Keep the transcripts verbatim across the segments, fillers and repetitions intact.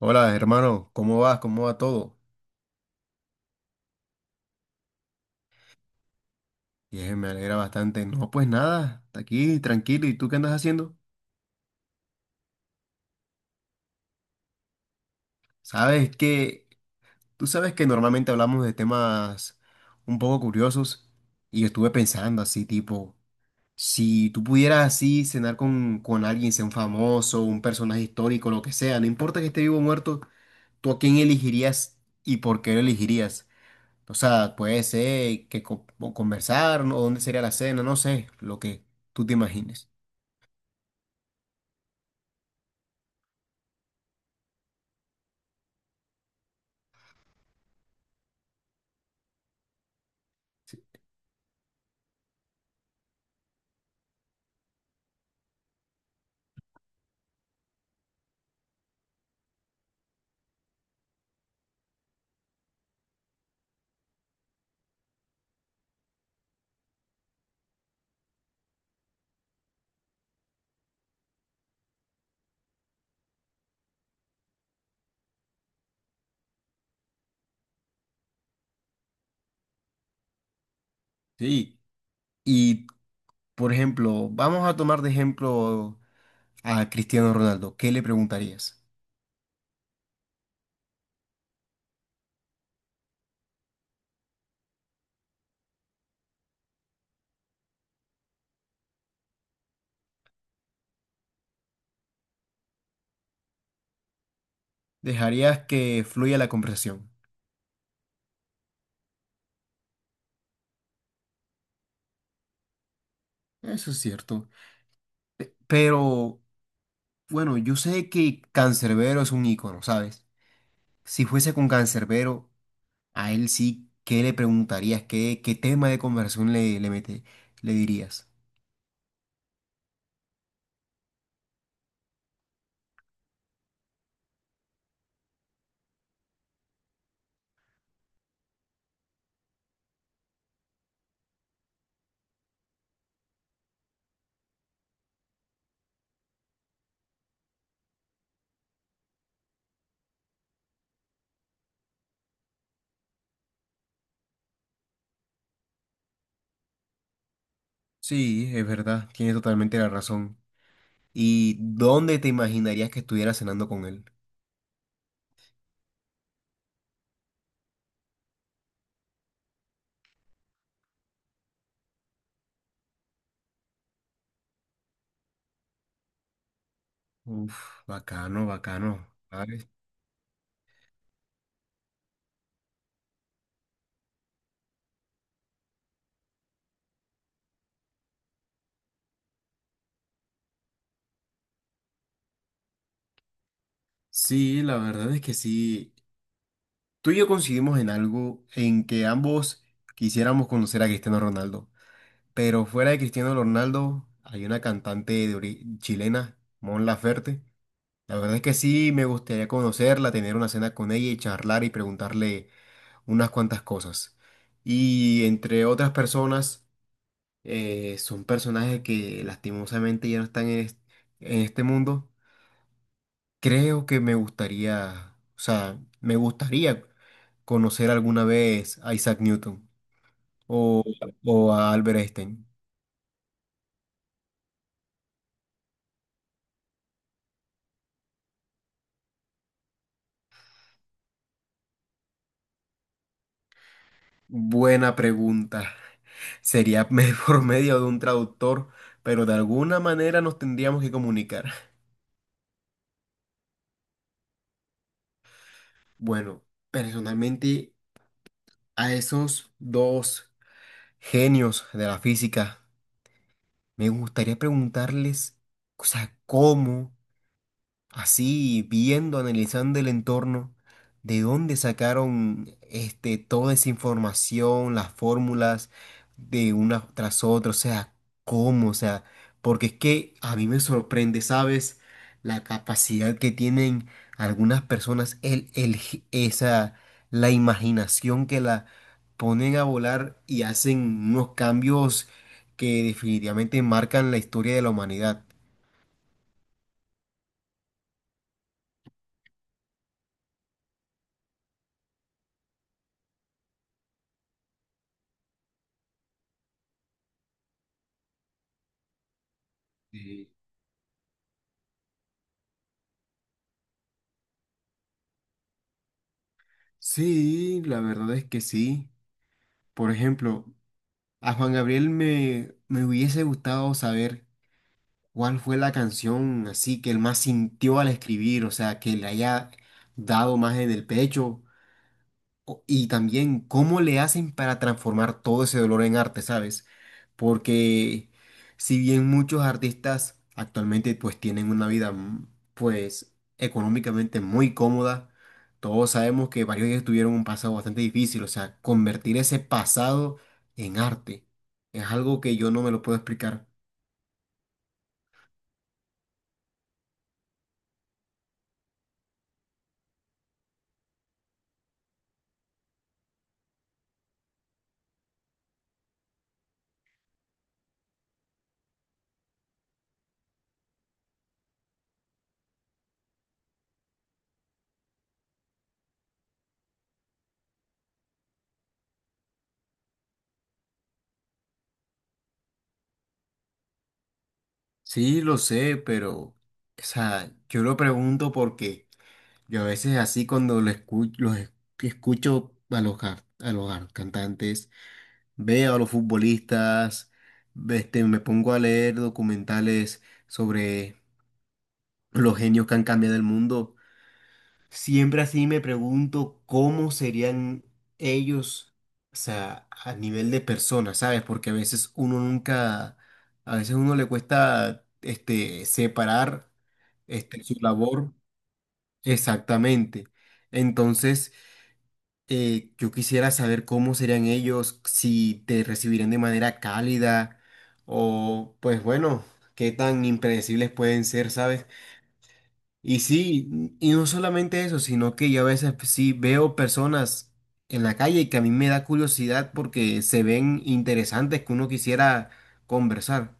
Hola, hermano, ¿cómo vas? ¿Cómo va todo? Y eh, me alegra bastante. No, pues nada, hasta aquí tranquilo. ¿Y tú qué andas haciendo? Sabes que, tú sabes que normalmente hablamos de temas un poco curiosos y yo estuve pensando así, tipo, si tú pudieras así cenar con, con alguien, sea un famoso, un personaje histórico, lo que sea, no importa que esté vivo o muerto, ¿tú a quién elegirías y por qué lo elegirías? O sea, puede ser que co- conversar, ¿no? O dónde sería la cena, no sé, lo que tú te imagines. Sí, y por ejemplo, vamos a tomar de ejemplo a Cristiano Ronaldo. ¿Qué le preguntarías? Dejarías que fluya la conversación. Eso es cierto. Pero bueno, yo sé que Cancerbero es un ícono, ¿sabes? Si fuese con Cancerbero, a él sí, ¿qué le preguntarías? ¿Qué, qué tema de conversación le, le mete- le dirías? Sí, es verdad, tienes totalmente la razón. ¿Y dónde te imaginarías que estuviera cenando con él? Uf, bacano, bacano. Sí, la verdad es que sí. Tú y yo coincidimos en algo en que ambos quisiéramos conocer a Cristiano Ronaldo. Pero fuera de Cristiano Ronaldo, hay una cantante de ori- chilena, Mon Laferte. La verdad es que sí, me gustaría conocerla, tener una cena con ella y charlar y preguntarle unas cuantas cosas. Y entre otras personas, eh, son personajes que lastimosamente ya no están en es- en este mundo. Creo que me gustaría, o sea, me gustaría conocer alguna vez a Isaac Newton o, o a Albert Einstein. Buena pregunta. Sería me- por medio de un traductor, pero de alguna manera nos tendríamos que comunicar. Bueno, personalmente a esos dos genios de la física, me gustaría preguntarles, o sea, cómo. Así viendo, analizando el entorno, de dónde sacaron este, toda esa información, las fórmulas de una tras otra, o sea, cómo, o sea, porque es que a mí me sorprende, ¿sabes? La capacidad que tienen algunas personas, el, el, gi- esa, la imaginación que la ponen a volar y hacen unos cambios que definitivamente marcan la historia de la humanidad. Sí, la verdad es que sí. Por ejemplo, a Juan Gabriel me, me hubiese gustado saber cuál fue la canción así que él más sintió al escribir, o sea, que le haya dado más en el pecho, o- Y también cómo le hacen para transformar todo ese dolor en arte, ¿sabes? Porque si bien muchos artistas actualmente pues tienen una vida mm, pues económicamente muy cómoda, todos sabemos que varios de ellos tuvieron un pasado bastante difícil, o sea, convertir ese pasado en arte es algo que yo no me lo puedo explicar. Sí, lo sé, pero, o sea, yo lo pregunto porque... Yo a veces así cuando lo escu- los es- escucho a los, ar- a los ar- cantantes, veo a los futbolistas, ve- este, me pongo a leer documentales sobre los genios que han cambiado el mundo. Siempre así me pregunto cómo serían ellos, o sea, a nivel de personas, ¿sabes? Porque a veces uno nunca, a veces uno le cuesta este, separar este, su labor exactamente. Entonces... Eh, yo quisiera saber cómo serían ellos, si te recibirían de manera cálida o pues bueno, qué tan impredecibles pueden ser, ¿sabes? Y sí, y no solamente eso, sino que yo a veces pues, sí veo personas en la calle que a mí me da curiosidad porque se ven interesantes que uno quisiera conversar.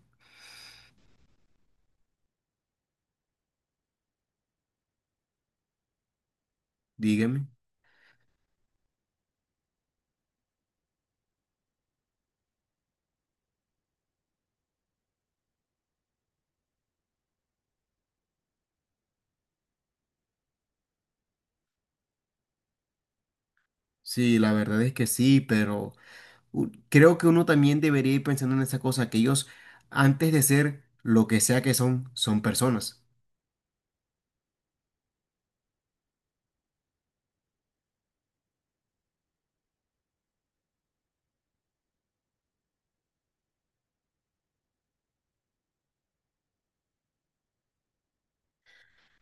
Dígame. Sí, la verdad es que sí, pero... u- Creo que uno también debería ir pensando en esa cosa, que ellos, antes de ser lo que sea que son, son personas.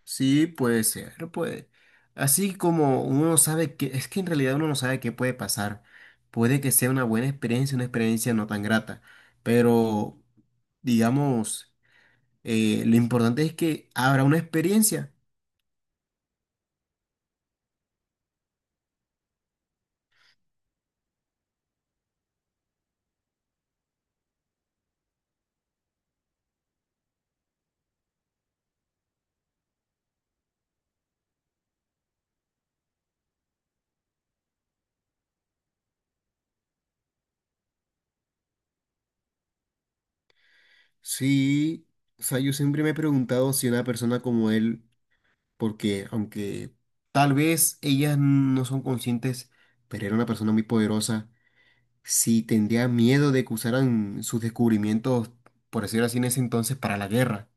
Sí, puede ser, puede. Así como uno no sabe que, es que en realidad uno no sabe qué puede pasar. Puede que sea una buena experiencia, una experiencia no tan grata. Pero, digamos, eh, lo importante es que habrá una experiencia. Sí, o sea, yo siempre me he preguntado si una persona como él porque aunque tal vez ellas no son conscientes, pero era una persona muy poderosa, sí tendría miedo de que usaran sus descubrimientos, por decirlo así, en ese entonces para la guerra.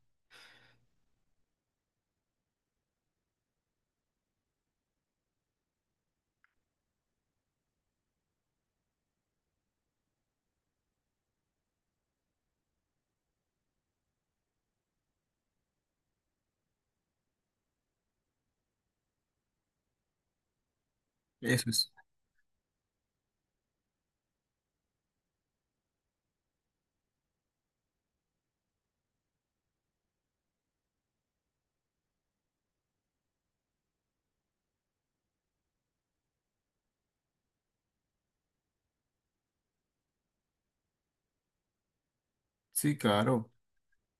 Eso es. Sí, claro.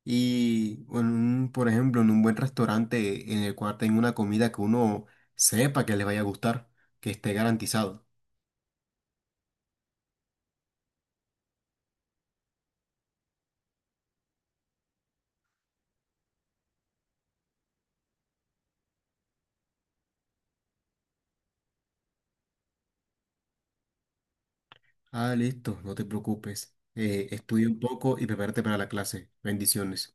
Y, en un- por ejemplo, en un buen restaurante en el cual tenga una comida que uno sepa que le vaya a gustar, que esté garantizado. Ah, listo, no te preocupes. Eh, estudia un poco y prepárate para la clase. Bendiciones.